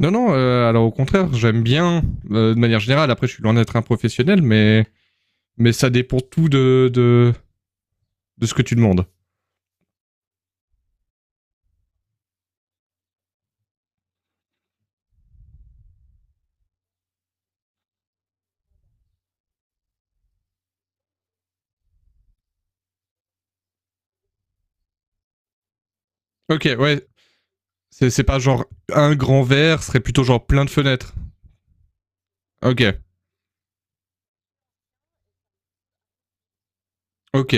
Non, non, alors au contraire, j'aime bien de manière générale. Après, je suis loin d'être un professionnel, mais ça dépend tout de ce que tu demandes. Ok, ouais, c'est pas genre un grand verre, ce serait plutôt genre plein de fenêtres. Ok, ok.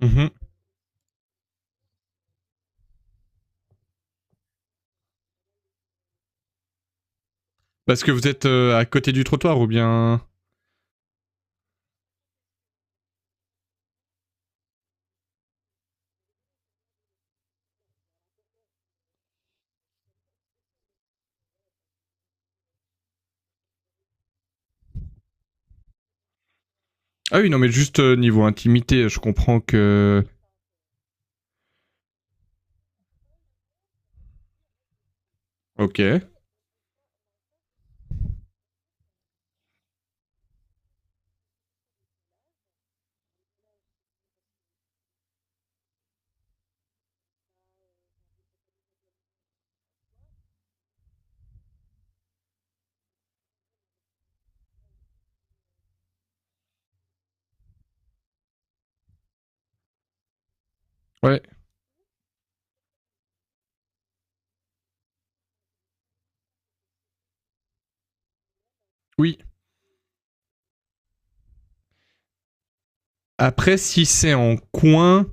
Mhm. Parce que vous êtes à côté du trottoir ou bien. Ah oui, non, mais juste niveau intimité, je comprends que. Ok. Ouais. Oui. Après, si c'est en coin,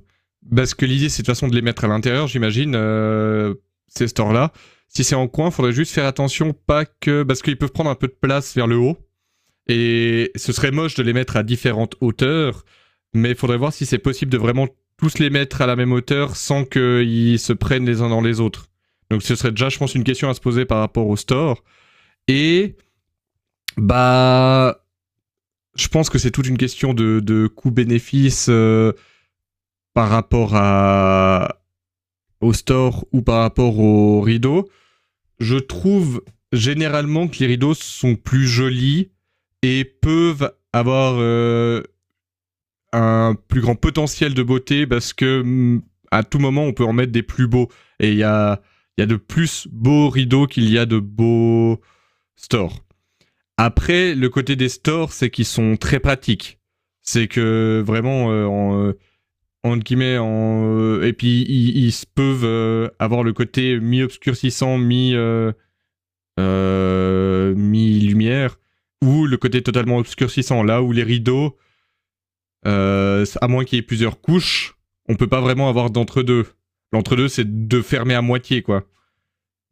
parce que l'idée c'est de toute façon de les mettre à l'intérieur, j'imagine, ces stores-là. Si c'est en coin, il faudrait juste faire attention, pas que. Parce qu'ils peuvent prendre un peu de place vers le haut. Et ce serait moche de les mettre à différentes hauteurs. Mais il faudrait voir si c'est possible de vraiment tous les mettre à la même hauteur sans qu'ils se prennent les uns dans les autres. Donc ce serait déjà, je pense, une question à se poser par rapport au store. Et bah, je pense que c'est toute une question de coût-bénéfice. Par rapport à, au store ou par rapport aux rideaux, je trouve généralement que les rideaux sont plus jolis et peuvent avoir un plus grand potentiel de beauté parce que à tout moment on peut en mettre des plus beaux et il y a, il y a de plus beaux rideaux qu'il y a de beaux stores. Après, le côté des stores, c'est qu'ils sont très pratiques. C'est que vraiment, entre guillemets, et puis ils peuvent avoir le côté mi-obscurcissant, mi-lumière, ou le côté totalement obscurcissant. Là où les rideaux, à moins qu'il y ait plusieurs couches, on peut pas vraiment avoir d'entre-deux. L'entre-deux, c'est de fermer à moitié, quoi.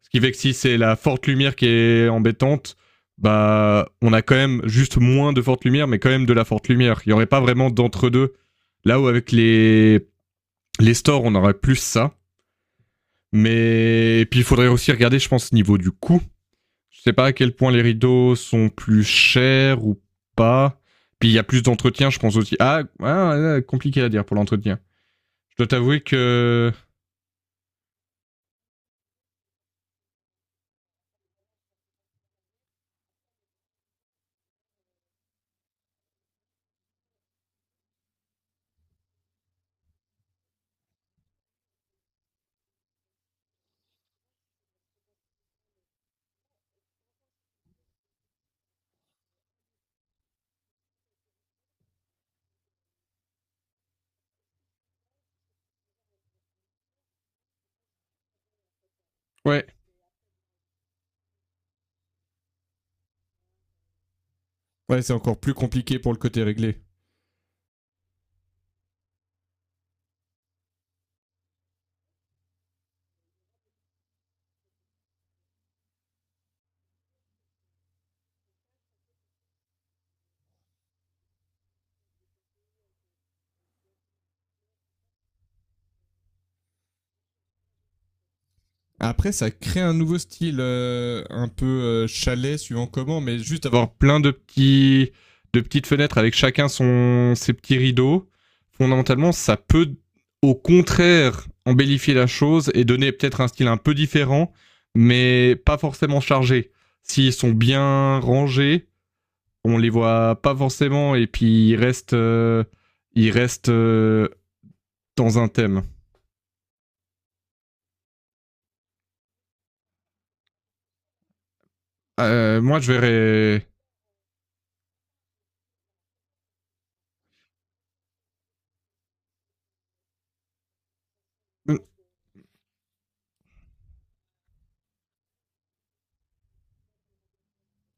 Ce qui fait que si c'est la forte lumière qui est embêtante, bah, on a quand même juste moins de forte lumière, mais quand même de la forte lumière. Il y aurait pas vraiment d'entre-deux. Là où avec les stores, on aurait plus ça. Mais et puis il faudrait aussi regarder, je pense, niveau du coût. Je sais pas à quel point les rideaux sont plus chers ou pas. Puis il y a plus d'entretien, je pense aussi. Ah, ah, ah, compliqué à dire pour l'entretien. Je dois t'avouer que ouais. Ouais, c'est encore plus compliqué pour le côté réglé. Après, ça crée un nouveau style, un peu chalet, suivant comment, mais juste avoir plein de petits, de petites fenêtres avec chacun son, ses petits rideaux. Fondamentalement, ça peut, au contraire, embellifier la chose et donner peut-être un style un peu différent, mais pas forcément chargé. S'ils sont bien rangés, on les voit pas forcément et puis ils restent dans un thème. Moi, je verrais.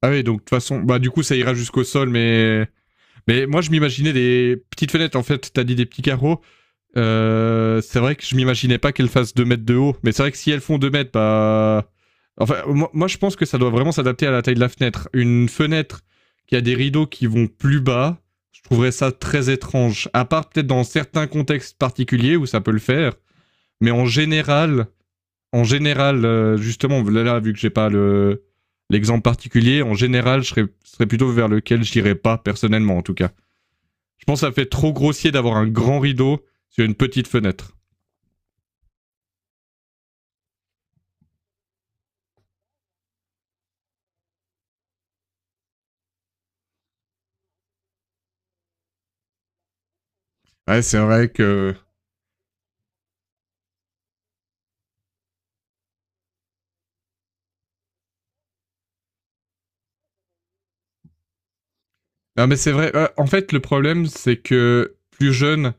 Ah oui, donc de toute façon, bah du coup ça ira jusqu'au sol, mais moi je m'imaginais des petites fenêtres en fait. T'as dit des petits carreaux. C'est vrai que je m'imaginais pas qu'elles fassent 2 m de haut, mais c'est vrai que si elles font 2 m, bah enfin moi, je pense que ça doit vraiment s'adapter à la taille de la fenêtre. Une fenêtre qui a des rideaux qui vont plus bas, je trouverais ça très étrange. À part peut-être dans certains contextes particuliers où ça peut le faire, mais en général, justement, là, vu que j'ai pas le l'exemple particulier, en général, serais plutôt vers lequel j'irais pas personnellement, en tout cas. Je pense que ça fait trop grossier d'avoir un grand rideau sur une petite fenêtre. Ouais, c'est vrai que. Non, mais c'est vrai. En fait, le problème, c'est que plus jeune,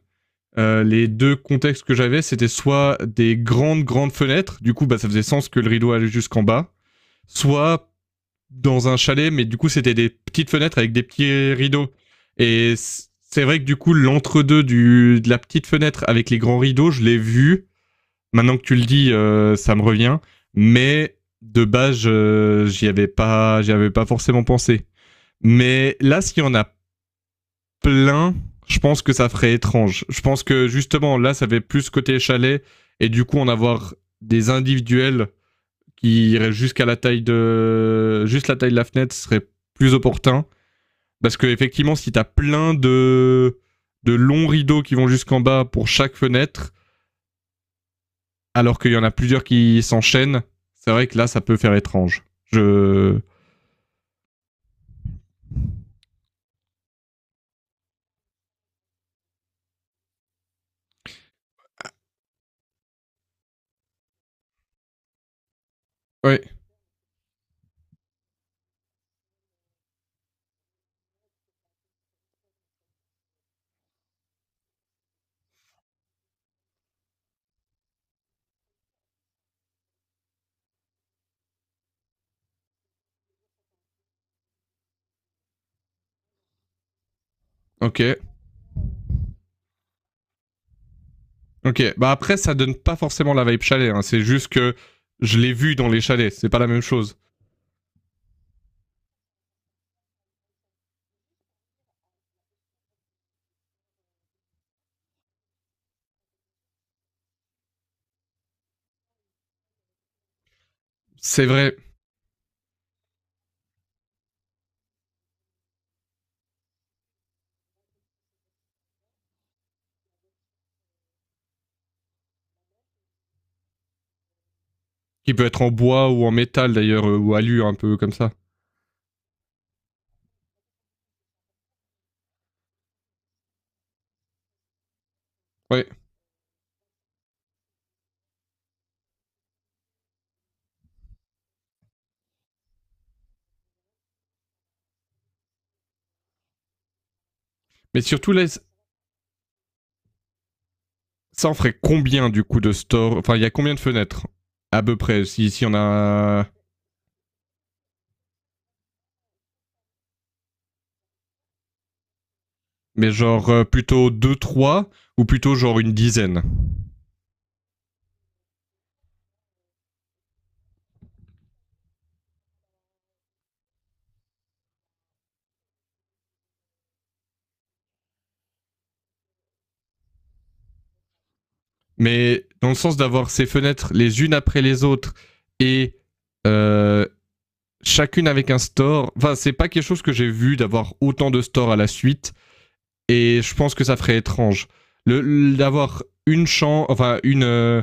euh, les deux contextes que j'avais, c'était soit des grandes fenêtres, du coup, bah, ça faisait sens que le rideau allait jusqu'en bas, soit dans un chalet, mais du coup, c'était des petites fenêtres avec des petits rideaux. Et c'est vrai que du coup, l'entre-deux du, de la petite fenêtre avec les grands rideaux, je l'ai vu. Maintenant que tu le dis, ça me revient. Mais de base, j'y avais pas forcément pensé. Mais là, s'il y en a plein, je pense que ça ferait étrange. Je pense que justement, là, ça fait plus côté chalet, et du coup, en avoir des individuels qui iraient jusqu'à la taille de, juste la taille de la fenêtre serait plus opportun. Parce que effectivement, si t'as plein de longs rideaux qui vont jusqu'en bas pour chaque fenêtre, alors qu'il y en a plusieurs qui s'enchaînent, c'est vrai que là, ça peut faire étrange. Je, ouais, ok, ok. Bah après, ça donne pas forcément la vibe chalet, hein. C'est juste que je l'ai vu dans les chalets, c'est pas la même chose. C'est vrai. Il peut être en bois ou en métal d'ailleurs, ou alu un peu comme ça. Ouais. Mais surtout, là, ça en ferait combien du coup de store. Enfin, il y a combien de fenêtres à peu près, si, si on a. Mais genre plutôt deux trois ou plutôt genre une dizaine. Mais dans le sens d'avoir ces fenêtres les unes après les autres et euh, chacune avec un store. Enfin, c'est pas quelque chose que j'ai vu d'avoir autant de stores à la suite. Et je pense que ça ferait étrange. D'avoir une chambre,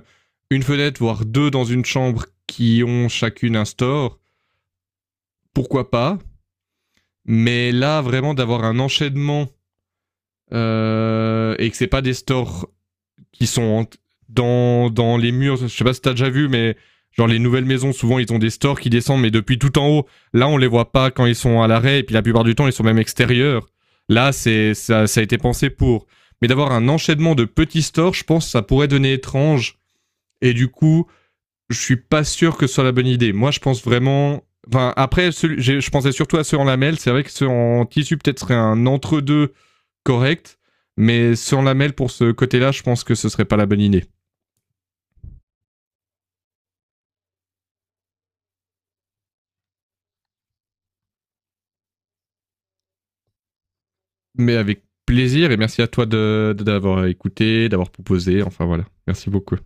une fenêtre, voire deux dans une chambre qui ont chacune un store, pourquoi pas. Mais là, vraiment, d'avoir un enchaînement et que c'est pas des stores qui sont dans les murs. Je sais pas si t'as déjà vu, mais genre les nouvelles maisons, souvent ils ont des stores qui descendent, mais depuis tout en haut. Là, on les voit pas quand ils sont à l'arrêt, et puis la plupart du temps, ils sont même extérieurs. Là, c'est ça, ça a été pensé pour. Mais d'avoir un enchaînement de petits stores, je pense que ça pourrait donner étrange. Et du coup, je suis pas sûr que ce soit la bonne idée. Moi, je pense vraiment. Enfin, après, je pensais surtout à ceux en lamelles. C'est vrai que ceux en tissu, peut-être, serait un entre-deux correct. Mais ceux en lamelles, pour ce côté-là, je pense que ce serait pas la bonne idée. Mais avec plaisir et merci à toi de d'avoir écouté, d'avoir proposé. Enfin voilà, merci beaucoup.